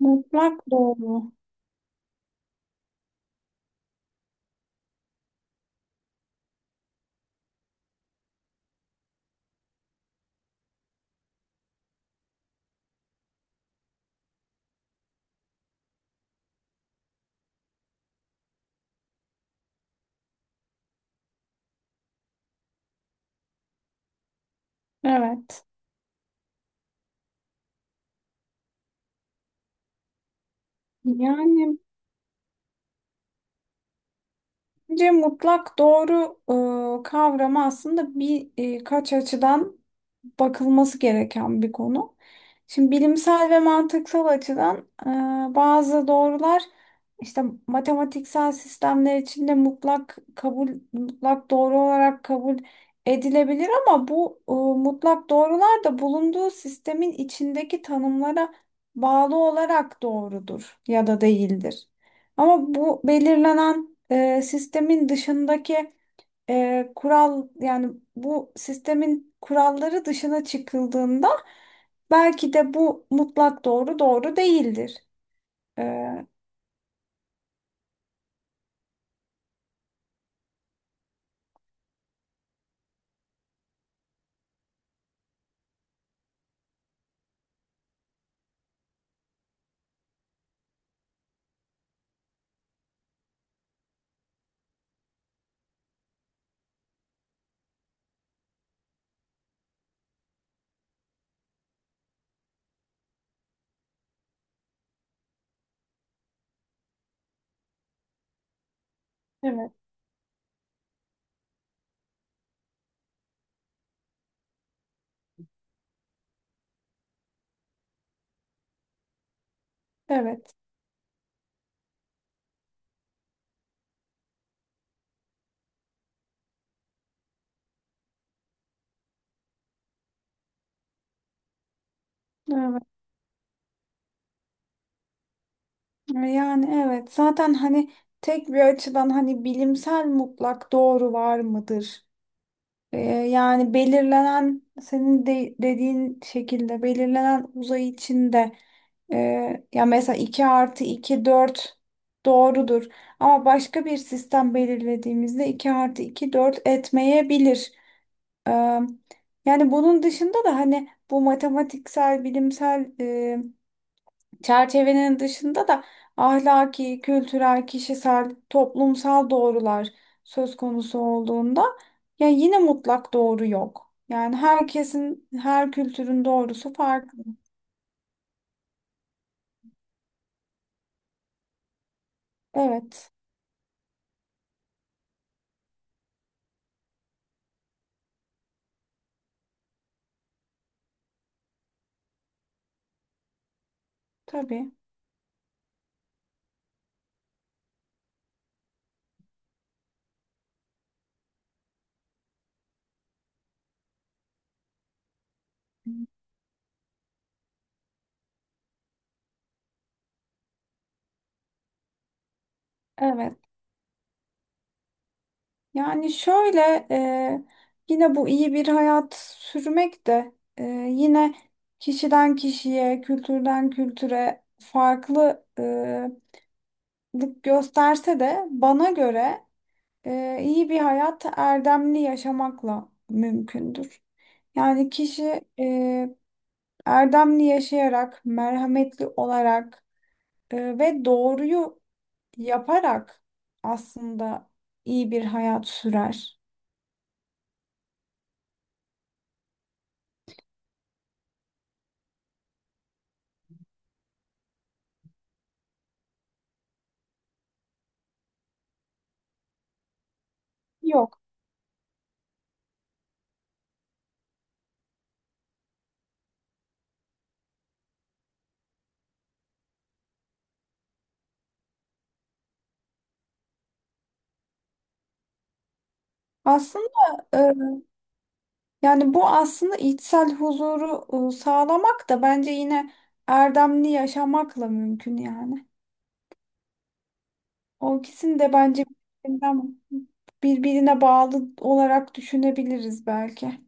Mutlak doğru. Evet. Yani bence mutlak doğru kavramı aslında birkaç açıdan bakılması gereken bir konu. Şimdi bilimsel ve mantıksal açıdan bazı doğrular işte matematiksel sistemler içinde mutlak doğru olarak kabul edilebilir ama bu mutlak doğrular da bulunduğu sistemin içindeki tanımlara bağlı olarak doğrudur ya da değildir. Ama bu belirlenen sistemin dışındaki kural, yani bu sistemin kuralları dışına çıkıldığında belki de bu mutlak doğru doğru değildir. E, Evet, evet, evet. Yani evet, zaten hani tek bir açıdan, hani bilimsel mutlak doğru var mıdır? Ee, Yani belirlenen dediğin şekilde belirlenen uzay içinde, e, ya mesela 2 artı 2 4 doğrudur. Ama başka bir sistem belirlediğimizde 2 artı 2 4 etmeyebilir. Ee, Yani bunun dışında da hani bu matematiksel, bilimsel çerçevenin dışında da ahlaki, kültürel, kişisel, toplumsal doğrular söz konusu olduğunda ya yine mutlak doğru yok. Yani herkesin, her kültürün doğrusu farklı. Evet, tabii. Evet. Yani şöyle, yine bu iyi bir hayat sürmek de, e, yine kişiden kişiye, kültürden kültüre farklılık gösterse de, bana göre iyi bir hayat erdemli yaşamakla mümkündür. Yani kişi erdemli yaşayarak, merhametli olarak ve doğruyu yaparak aslında iyi bir hayat sürer. Yok. Aslında e, yani bu aslında içsel huzuru sağlamak da bence yine erdemli yaşamakla mümkün yani. O ikisini de bence birbirine bağlı olarak düşünebiliriz belki.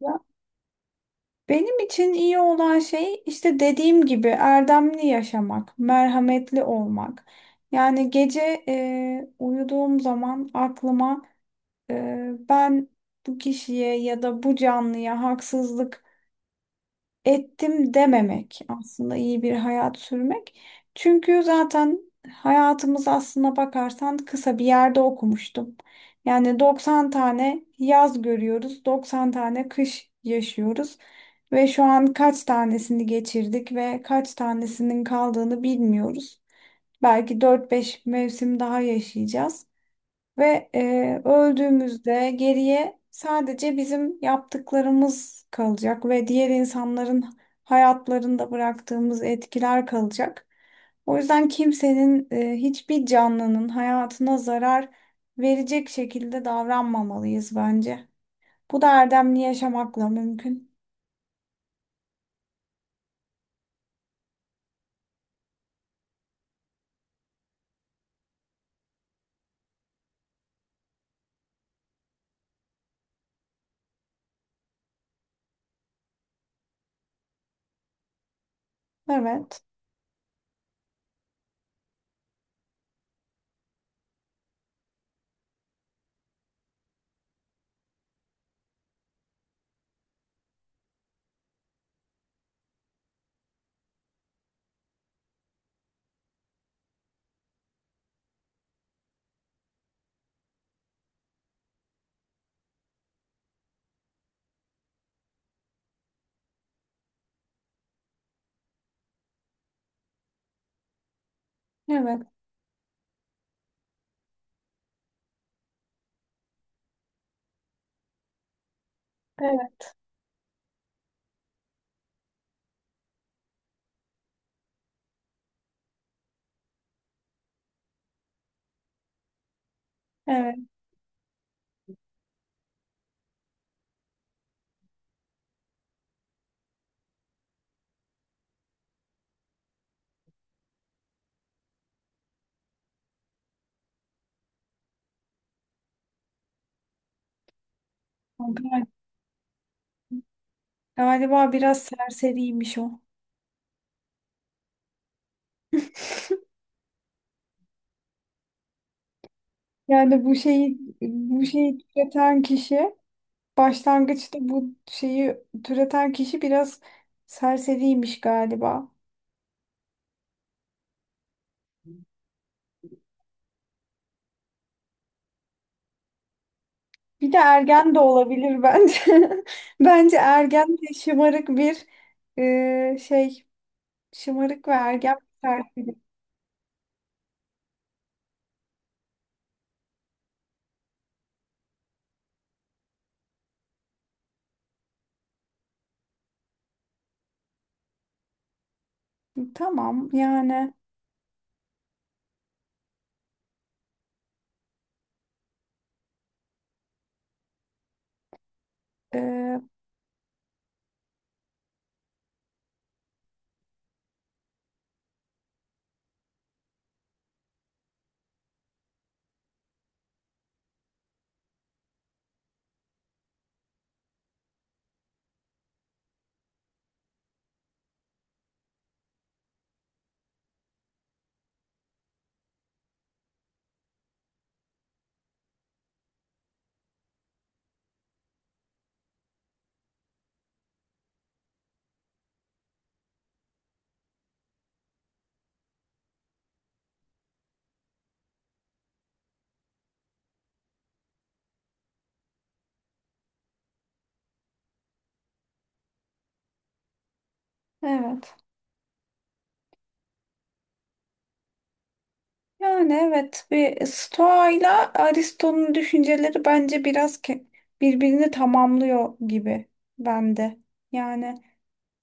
Ya, benim için iyi olan şey, işte dediğim gibi, erdemli yaşamak, merhametli olmak. Yani gece uyuduğum zaman aklıma e, ben bu kişiye ya da bu canlıya haksızlık ettim dememek aslında iyi bir hayat sürmek. Çünkü zaten hayatımız, aslına bakarsan, kısa. Bir yerde okumuştum, yani 90 tane yaz görüyoruz, 90 tane kış yaşıyoruz ve şu an kaç tanesini geçirdik ve kaç tanesinin kaldığını bilmiyoruz. Belki dört beş mevsim daha yaşayacağız. Ve öldüğümüzde geriye sadece bizim yaptıklarımız kalacak ve diğer insanların hayatlarında bıraktığımız etkiler kalacak. O yüzden kimsenin, hiçbir canlının hayatına zarar verecek şekilde davranmamalıyız bence. Bu da erdemli yaşamakla mümkün. Evet, evet, evet, evet. Gal- Galiba biraz serseriymiş o. Yani bu şeyi tüketen kişi. Başlangıçta bu şeyi türeten kişi biraz serseriymiş galiba. Bir de ergen de olabilir bence. Bence ergen de şımarık bir e, şey, şımarık ve ergen bir serseri. Tamam yani e, evet. Yani evet, bir Stoa ile Aristo'nun düşünceleri bence biraz birbirini tamamlıyor gibi bende. Yani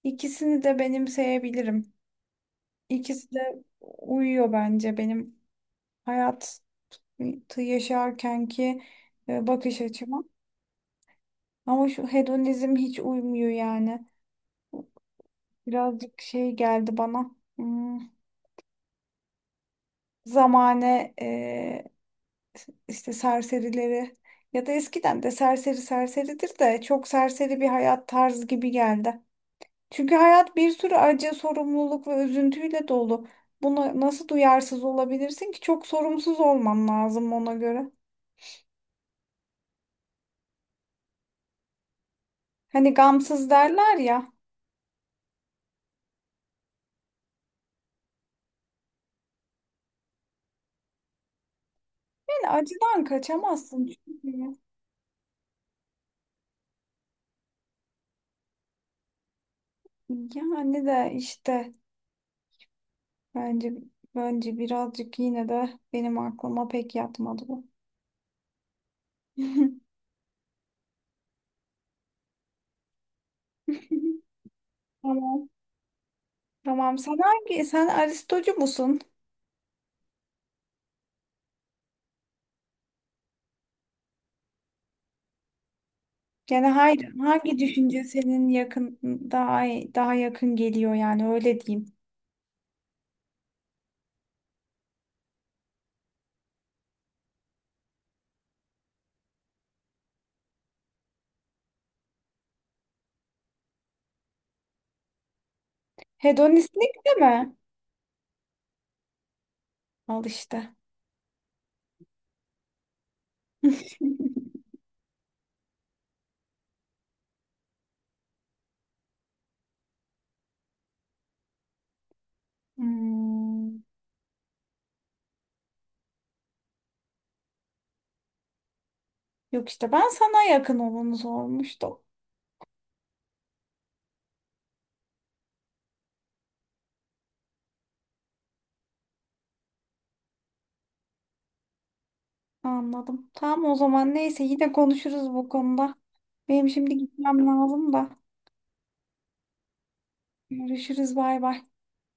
ikisini de benimseyebilirim. İkisi de uyuyor bence benim hayatı yaşarkenki bakış açıma. Ama şu hedonizm hiç uymuyor yani. Birazcık şey geldi bana. Hmm, zamane işte serserileri, ya da eskiden de serseri serseridir, de çok serseri bir hayat tarzı gibi geldi. Çünkü hayat bir sürü acı, sorumluluk ve üzüntüyle dolu. Buna nasıl duyarsız olabilirsin ki? Çok sorumsuz olman lazım ona göre. Hani gamsız derler ya. Yani acıdan kaçamazsın çünkü. Yani işte bence bence birazcık, yine de benim aklıma pek yatmadı bu. Tamam. Tamam. Sen hangi, sen Aristocu musun? Yani hangi düşünce senin yakın daha daha yakın geliyor, yani öyle diyeyim. Hedonistlik de mi? Al işte. Hmm. Yok işte, ben sana yakın olanı sormuştum. Anladım. Tamam, o zaman neyse, yine konuşuruz bu konuda. Benim şimdi gitmem lazım da. Görüşürüz, bay bay.